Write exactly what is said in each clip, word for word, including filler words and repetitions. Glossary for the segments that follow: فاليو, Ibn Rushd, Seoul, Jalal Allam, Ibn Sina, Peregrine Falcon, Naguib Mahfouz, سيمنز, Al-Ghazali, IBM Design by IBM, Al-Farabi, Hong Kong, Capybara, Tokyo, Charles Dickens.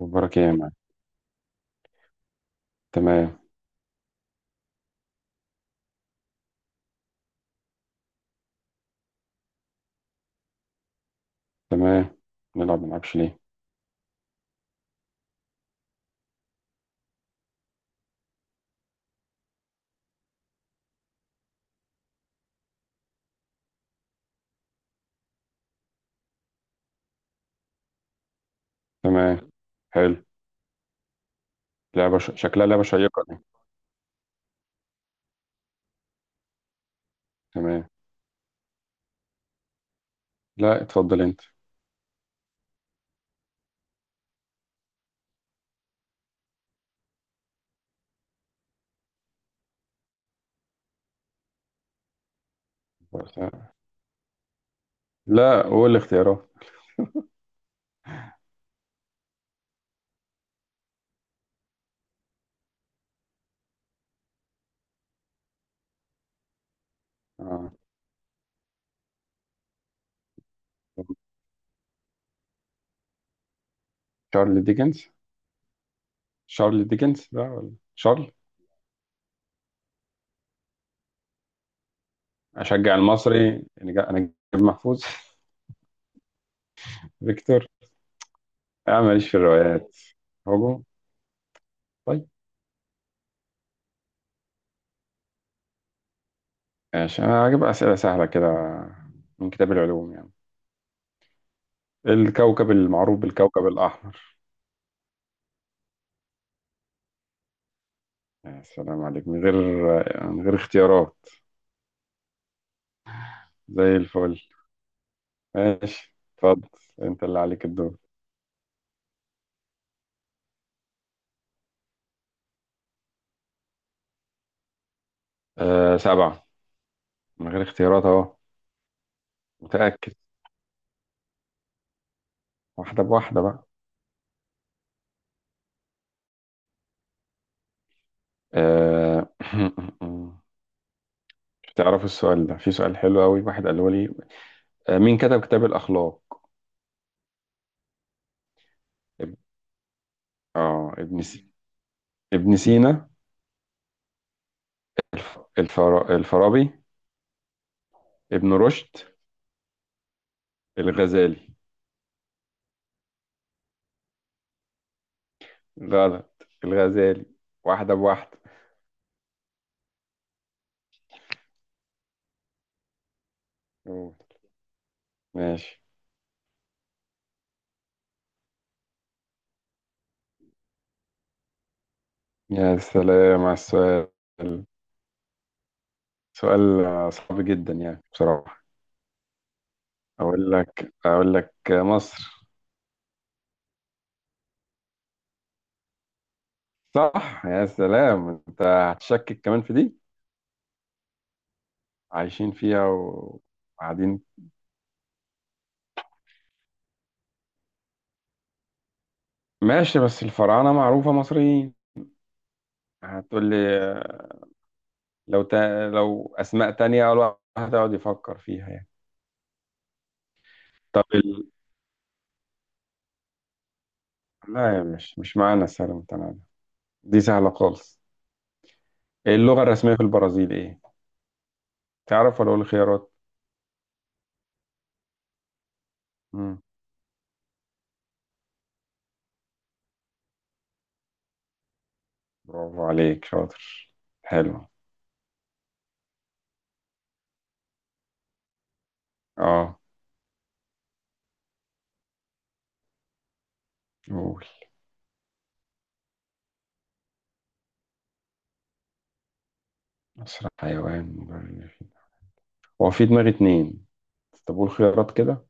مبارك يا مان. تمام. تمام نلعب ما نلعبش ليه؟ تمام، حلو. لعبة ش... شكلها لعبة شيقة دي. تمام. لا، اتفضل انت. بس- لا، قول الاختيارات. آه. شارل ديكنز. شارل ديكنز بقى ولا شارل؟ اشجع المصري، انا جا- أنا نجيب محفوظ. فيكتور. انا ماليش في الروايات. هوجو. طيب، ماشي، انا هجيب اسئلة سهلة كده، من كتاب العلوم يعني. الكوكب المعروف بالكوكب الأحمر. يا سلام عليك، من غير من غير اختيارات. زي الفل. ماشي، اتفضل، انت اللي عليك الدور. آه، سبعة. من غير اختيارات اهو. متأكد، واحدة بواحدة بقى. آه. تعرفوا السؤال ده، في سؤال حلو قوي واحد قاله لي. آه، مين كتب كتاب الأخلاق؟ اب- اه، ابن سي... ابن سينا. الف... الفر... الفارابي. ابن رشد. الغزالي. غلط الغزالي. واحدة بواحدة. أوه. ماشي. يا سلام على السؤال، سؤال آه، صعب جدا يعني بصراحة. اقول لك اقول لك مصر. صح، يا سلام، انت هتشكك كمان في دي. عايشين فيها وقاعدين. ماشي، بس الفراعنة معروفة مصريين. هتقول لي لو تا... لو اسماء تانية الواحد هتقعد يفكر فيها يعني. طب ال... لا يا، مش مش معانا السهل المتناهي ده. دي سهلة خالص. اللغة الرسمية في البرازيل ايه؟ تعرف ولا اقول خيارات؟ مم. برافو عليك، شاطر، حلو. اه، قول. اسرع حيوان مبرر. هو في دماغي اتنين، طب قول خيارات كده.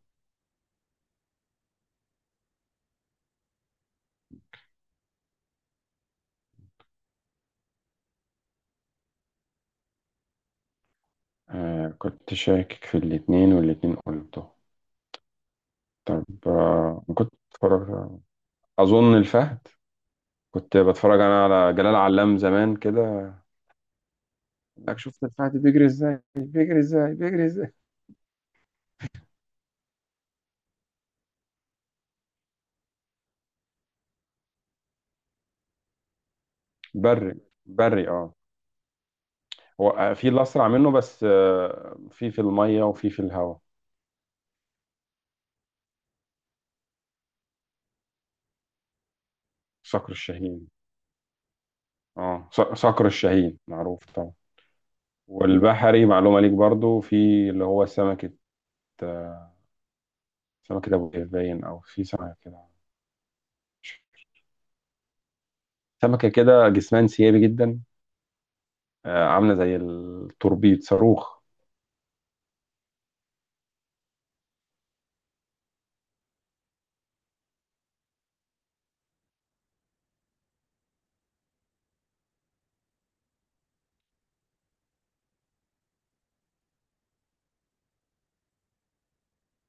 آه، كنت شاكك في الاتنين، والاتنين قلته. طب، آه، كنت بتفرج، أظن الفهد. كنت بتفرج أنا على جلال علام زمان كده. لك شفت الفهد بيجري ازاي، بيجري ازاي، بيجري ازاي. بري، بري اه. هو آه، في اللي أسرع منه، بس آه، في في المية، وفي في الهواء. صقر الشاهين. اه، ص- صقر الشاهين معروف طبعا. والبحري معلومة ليك برضو، في اللي هو سمكة، آه، سمكة أبو قير باين، أو في سمكة كده، سمكة كده جسمها انسيابي جدا، آه، عاملة زي التوربيد، صاروخ.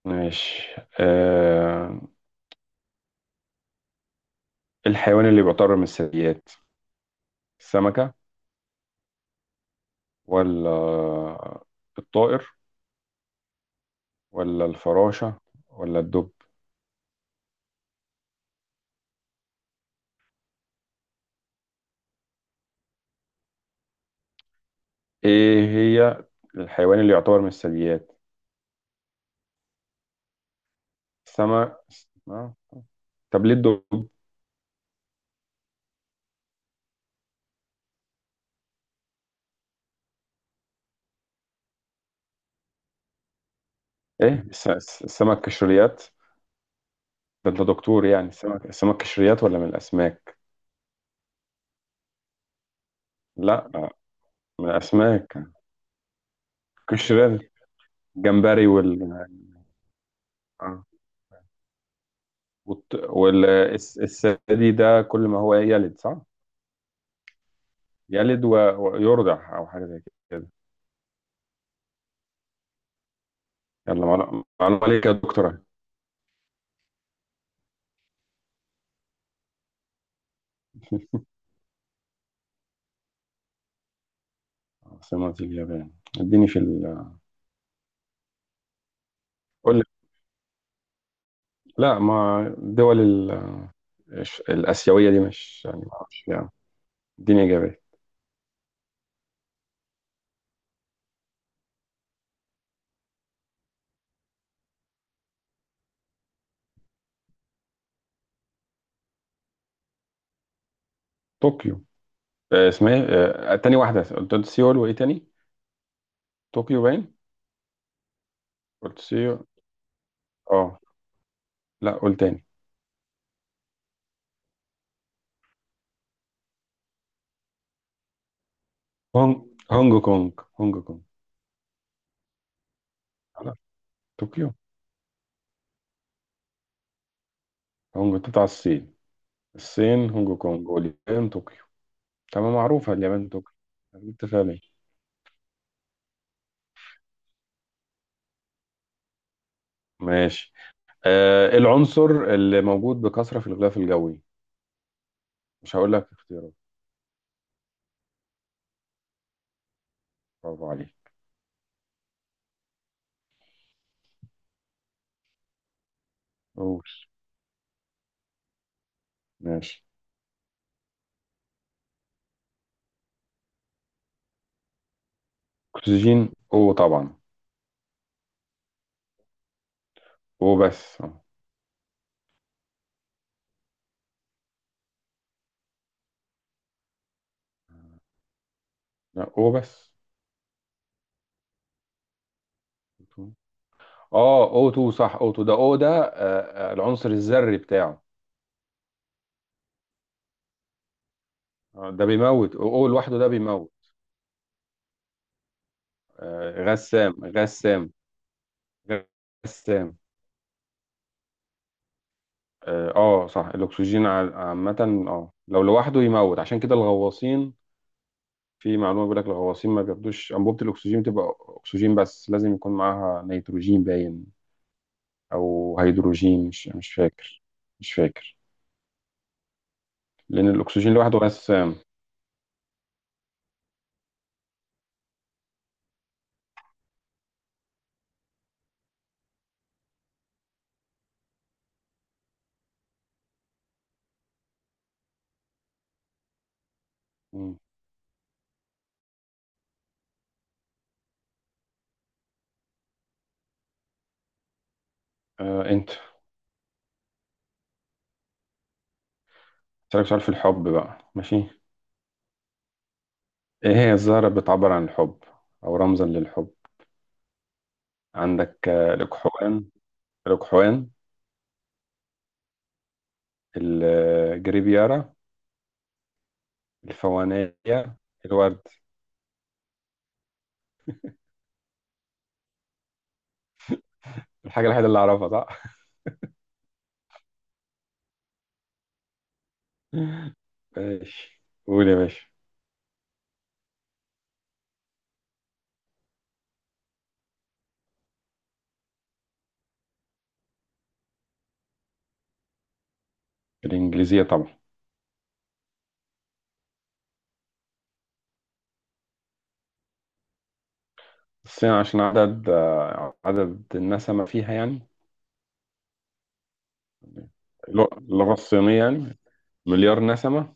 ماشي. آه، الحيوان اللي بيعتبر من الثدييات، السمكة ولا الطائر ولا الفراشة ولا الدب؟ إيه هي؟ الحيوان اللي يعتبر من الثدييات. السمك. آه. طب ليه الدب؟ إيه الس- الس- السمك كشريات؟ ده أنت دكتور يعني، السمك، السمك كشريات ولا من الأسماك؟ لا، من الأسماك. قشرين. الجمبري وال، آه. والط- وال الس- الثدي ده كل ما هو يلد، صح؟ يلد و- ويرضع أو حاجة زي كده. يلا، معلو- معلومة عليك يا دكتورة. عاصمة اليابان، اديني في ال، قول لي، لا، ما الدول ال- الش- الآسيوية دي، مش يعني، ما أعرفش يعني. اديني إجابات. طوكيو. آه، اسمها إيه؟ آه، تاني واحدة، قلت قلت سيول وإيه تاني؟ طوكيو باين؟ قلت سيول، أه. لا، قول تاني. هونج، هونج كونج. هونج كونج. خلاص، طوكيو. هونج بتاع الصين. الصين هونج كونج، واليابان طوكيو. تمام، معروفة اليابان طوكيو، جبت فيها ليه؟ ماشي. آه، العنصر اللي موجود بكثرة في الغلاف الجوي؟ مش هقول لك اختيارات. برافو عليك. قول. ماشي. اكسجين، او طبعا. او بس اه. لا، او بس. اه، او اتنين، صح، او اتنين ده، او ده، آه آه، العنصر الذري بتاعه. آه، ده بيموت، او أو لوحده ده بيموت. آه، غسام، غسام غسام اه، آه، صح، الاكسجين ع- عامة، اه، لو لوحده يموت، عشان كده الغواصين، في معلومة بيقول لك الغواصين ما بياخدوش أنبوبة الأكسجين، بتبقى أكسجين بس لازم يكون معاها نيتروجين باين، أو هيدروجين، مش مش فاكر. مش فاكر. لأن الأكسجين لوحده غسام. مم. آه، أنت. أسألك سؤال في الحب بقى، ماشي؟ إيه هي الزهرة اللي بتعبر عن الحب أو رمزا للحب؟ عندك آه، الأكحوان الأكحوان، الجريبيارا، الفوانيليا، الورد. الحاجة الوحيدة اللي أعرفها، صح؟ ماشي. قول يا باشا. الإنجليزية طبعا. الصين عشان عدد، آه، عدد النسمة فيها يعني. اللغة اللغة الصينية يعني. مليار نسمة.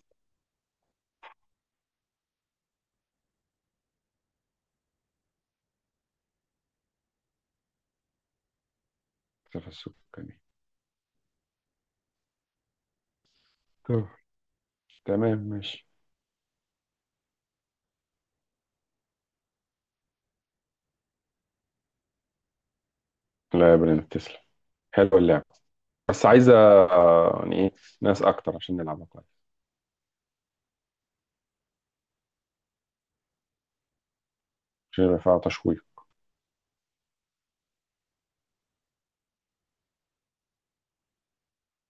في السكاني. طب. تمام، ماشي. لا يا برنس، تسلم، حلوة اللعبة، بس عايزة آه، يعني إيه، ناس أكتر عشان نلعبها كويس، عشان يبقى فيها تشويق.